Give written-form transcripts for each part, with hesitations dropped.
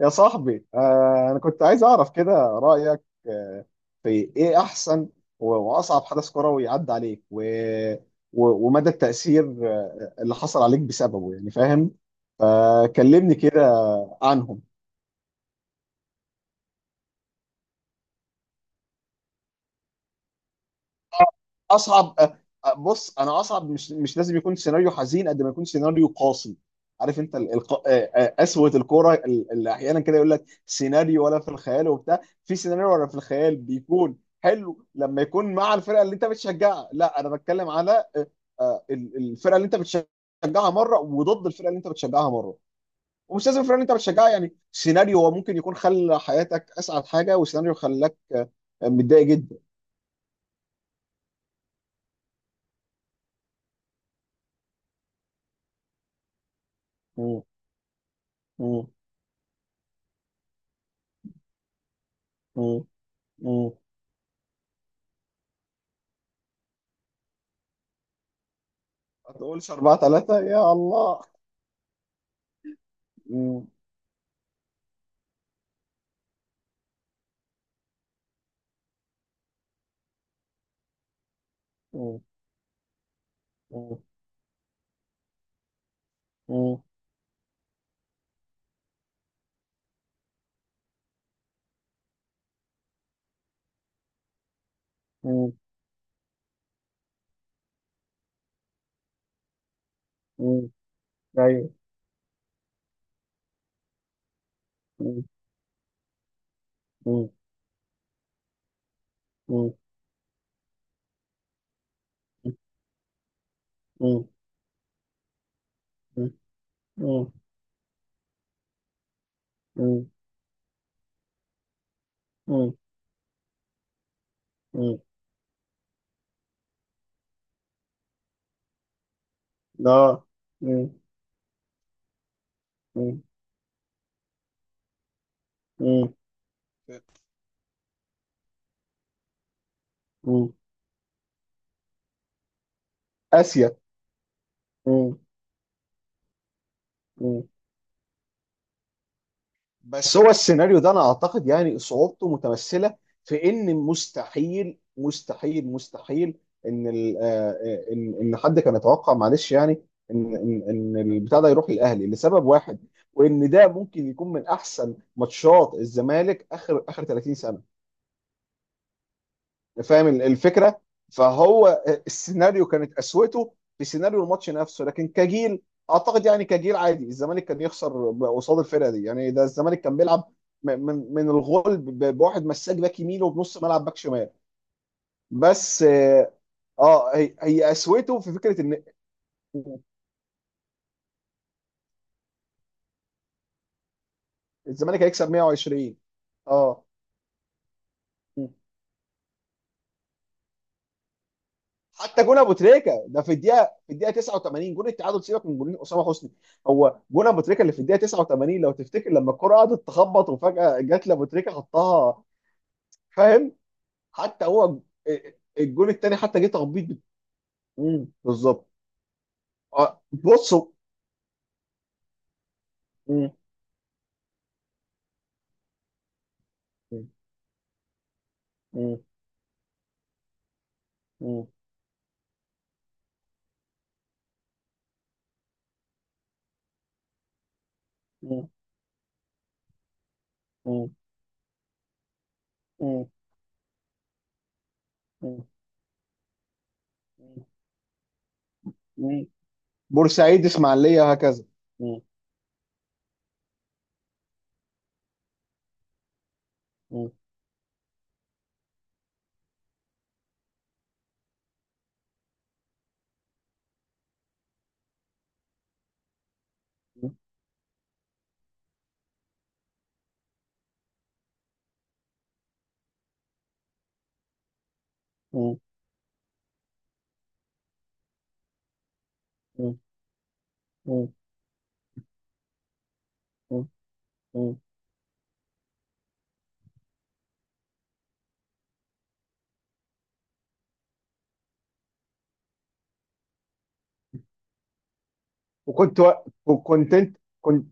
يا صاحبي، انا كنت عايز اعرف كده رايك. آه، في ايه احسن واصعب حدث كروي عدى عليك ومدى التاثير اللي حصل عليك بسببه، يعني فاهم؟ فكلمني كده عنهم. اصعب بص، انا اصعب مش لازم يكون سيناريو حزين قد ما يكون سيناريو قاسي. عارف انت ال- الق... آه، آه، قسوه الكوره اللي احيانا كده يقول لك سيناريو ولا في الخيال، وبتاع في سيناريو ولا في الخيال. بيكون حلو لما يكون مع الفرقه اللي انت بتشجعها. لا، انا بتكلم على الفرقه اللي انت بتشجعها مره، وضد الفرقه اللي انت بتشجعها مره. ومش لازم الفرقه اللي انت بتشجعها، يعني سيناريو هو ممكن يكون خلى حياتك اسعد حاجه، وسيناريو خلاك متضايق جدا. مم. مم. مم. مم. ما تقولش 4-3 يا الله. مم. مم. مم. مم. مم. مم. ايوه. مم. مم. مم. مم. مم. مم. مم. مم. مم. لا. مم. مم. مم. مم. اسيا. مم. بس بس، هو السيناريو ده انا اعتقد يعني صعوبته متمثله في ان مستحيل مستحيل مستحيل ان ال- آه، آه، ان ان حد كان يتوقع، معلش يعني، ان البتاع ده يروح للاهلي لسبب واحد، وان ده ممكن يكون من احسن ماتشات الزمالك اخر 30 سنه. فاهم الفكره؟ فهو السيناريو كانت قسوته في سيناريو الماتش نفسه، لكن كجيل اعتقد يعني كجيل عادي الزمالك كان يخسر قصاد الفرقه دي. يعني ده الزمالك كان بيلعب من الغول، بواحد مساك باك يمين وبنص ملعب باك شمال. بس، اه، هي قسوته في فكره ان الزمالك هيكسب 120. اه. حتى جون ابو تريكه ده، في الدقيقه 89، جون التعادل، سيبك من جونين اسامه حسني. هو جون ابو تريكه اللي في الدقيقه 89، لو تفتكر لما الكره قعدت تخبط وفجاه جت لابو تريكه حطها. فاهم؟ حتى هو الجون الثاني حتى جه تخبيط مم، بالظبط. بصوا. مم، مم، مم، مم، مم، مم، مم، مم، مم. بورسعيد، اسماعيليه، هكذا. مم، مم، مم، مم، مم، مم، مم. وكنت و... وكنت انت كنت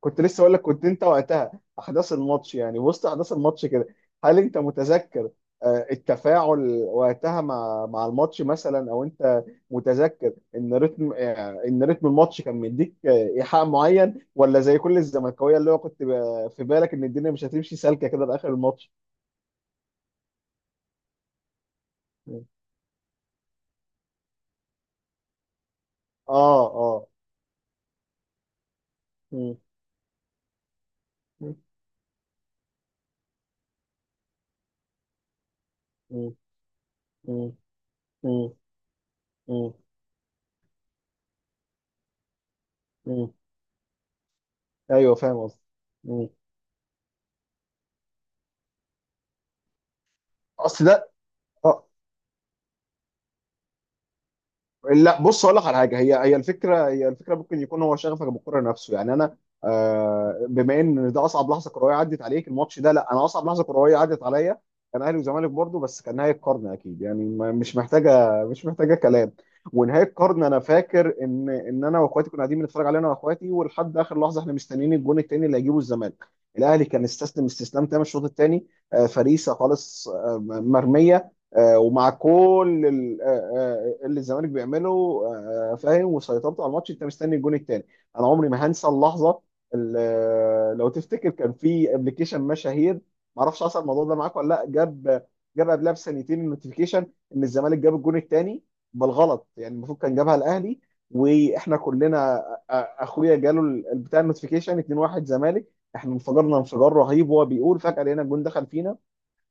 كنت لسه اقول لك، كنت انت وقتها احداث الماتش، يعني وسط احداث الماتش كده، هل انت متذكر التفاعل وقتها مع مع الماتش مثلا؟ او انت متذكر ان رتم، ان رتم الماتش كان مديك ايحاء معين؟ ولا زي كل الزملكاويه، اللي هو كنت في بالك ان الدنيا مش هتمشي سالكه كده لاخر الماتش؟ اه اه. مم. مم. مم. مم. مم. مم. ايوه فاهم قصدي. مم. اصل ده آه. لا بص، اقول لك على حاجه. هي الفكره، ممكن يكون هو شغفك بالكره نفسه. يعني انا، بما ان ده اصعب لحظه كرويه عدت عليك الماتش ده، لا انا اصعب لحظه كرويه عدت عليا كان اهلي وزمالك برضه، بس كان نهايه قرن. اكيد يعني، مش محتاجه كلام. ونهايه قرن، انا فاكر ان انا واخواتي كنا قاعدين بنتفرج عليه، انا واخواتي، ولحد اخر لحظه احنا مستنيين الجون التاني اللي هيجيبه الزمالك. الاهلي كان استسلم استسلام تام الشوط الثاني، فريسه خالص، مرميه، ومع كل اللي الزمالك بيعمله، فاهم، وسيطرته على الماتش، انت مستني الجون الثاني. انا عمري ما هنسى اللحظه، اللي لو تفتكر كان في ابلكيشن مشاهير، ما اعرفش حصل الموضوع ده معاك ولا لا، جاب جاب قبلها بسنتين النوتيفيكيشن ان الزمالك جاب الجون الثاني بالغلط، يعني المفروض كان جابها الاهلي. واحنا كلنا اخويا جاله بتاع النوتيفيكيشن 2-1 زمالك. احنا انفجرنا انفجار رهيب، وهو بيقول فجاه لقينا الجون دخل فينا.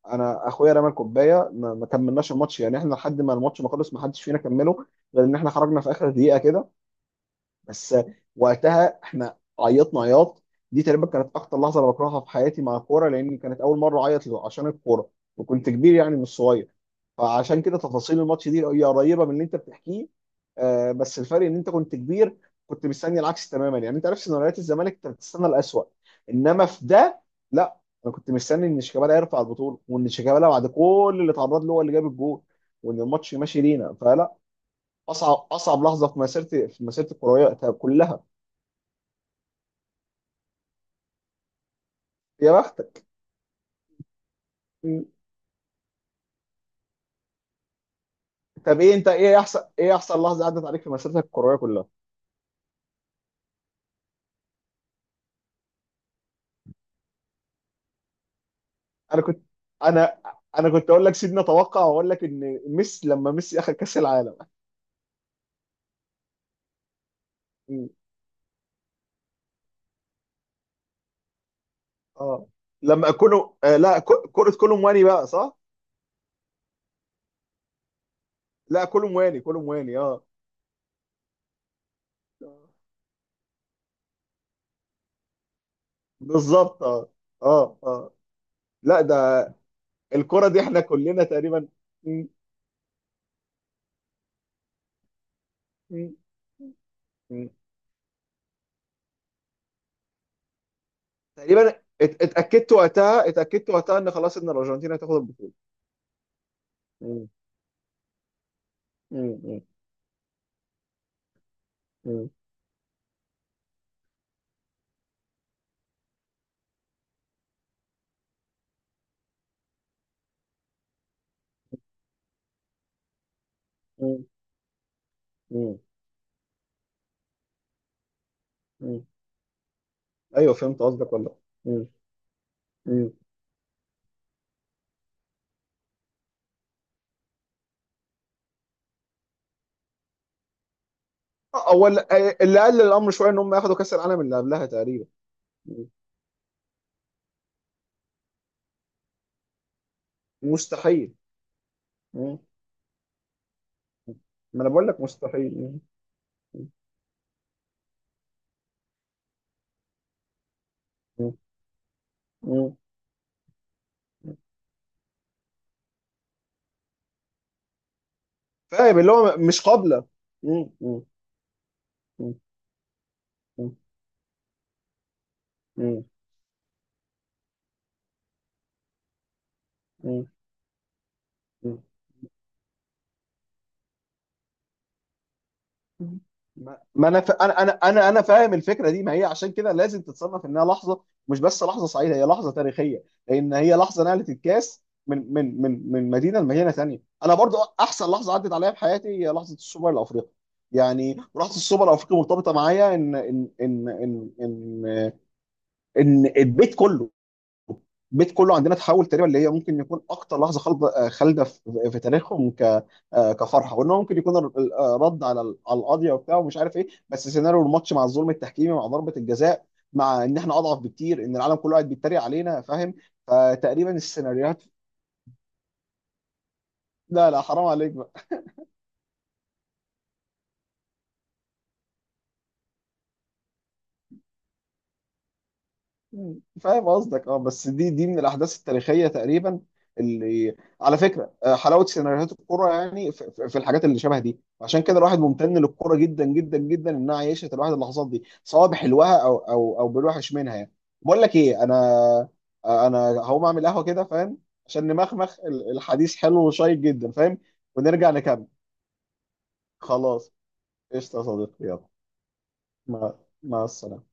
انا اخويا رمى الكوبايه، ما كملناش الماتش. يعني احنا لحد ما الماتش ما خلص ما حدش فينا كمله، غير ان احنا خرجنا في اخر دقيقه كده بس. وقتها احنا عيطنا عياط. دي تقريبا كانت اكتر لحظه انا بكرهها في حياتي مع الكوره، لان كانت اول مره اعيط عشان الكوره، وكنت كبير يعني مش صغير. فعشان كده تفاصيل الماتش دي هي قريبه من اللي انت بتحكيه. آه، بس الفرق ان انت كنت كبير، كنت مستني العكس تماما. يعني انت عارف سيناريوهات الزمالك، انت بتستنى الاسوء. انما في ده لا، انا كنت مستني ان شيكابالا يرفع البطوله، وان شيكابالا بعد كل اللي اتعرض له هو اللي جاب الجول، وان الماتش ماشي لينا. فلا، اصعب لحظه في مسيرتي، في مسيرتي الكرويه طب كلها. يا بختك. م. طب ايه انت، ايه احسن لحظه عدت عليك في مسيرتك الكرويه كلها؟ انا كنت انا انا كنت اقول لك، سيبني اتوقع واقول لك ان ميسي، لما ميسي اخذ كاس العالم. م. اه. لما كله آه، لا، كره كولومواني بقى، صح؟ لا كولومواني، كولومواني اه. آه. بالظبط. اه اه اه. لا ده، الكره دي احنا كلنا تقريبا. م. م. تقريبا اتاكدت وقتها، اتاكدت وقتها ان خلاص، ان الارجنتين هتاخد البطوله. مم. مم. مم. مم. مم. مم. ايوه فهمت قصدك ولا. مم. مم. هو اللي، اللي قلل الامر شويه ان هم ياخدوا كاس العالم اللي قبلها تقريبا. مم. مستحيل. مم. ما انا بقول لك مستحيل. مم. مم. مم. فاهم اللي هو مش قابله. مم. مم. مم. مم. مم. مم. ما ما انا ف... انا انا انا انا فاهم الفكره دي. ما هي عشان كده لازم تتصنف، انها لحظه مش بس لحظه سعيده، هي لحظه تاريخيه، لان هي لحظه نقلت الكاس من مدينه لمدينه ثانيه. انا برضو احسن لحظه عدت عليا في حياتي هي لحظه السوبر الافريقي. يعني لحظه السوبر الافريقي مرتبطه معايا ان إن البيت كله البيت كله عندنا اتحول تقريبا، اللي هي ممكن يكون اكتر لحظه خالده خالده في في تاريخهم ك كفرحه، وان هو ممكن يكون رد على على القضيه وبتاع ومش عارف ايه. بس سيناريو الماتش مع الظلم التحكيمي، مع ضربه الجزاء، مع ان احنا اضعف بكتير، ان العالم كله قاعد بيتريق علينا، فاهم؟ فتقريبا السيناريوهات. لا لا، حرام عليك. مم. فاهم قصدك، اه، بس دي دي من الاحداث التاريخيه تقريبا، اللي على فكره، حلاوه سيناريوهات الكوره يعني في في الحاجات اللي شبه دي. عشان كده الواحد ممتن للكوره جدا جدا جدا، انها عيشت الواحد اللحظات دي، سواء بحلوها او بالوحش منها يعني. بقول لك ايه انا، انا هقوم اعمل قهوه كده، فاهم، عشان نمخمخ. الحديث حلو وشيق جدا، فاهم، ونرجع نكمل. خلاص، قشطه يا صديقي، يلا. مع مع السلامه.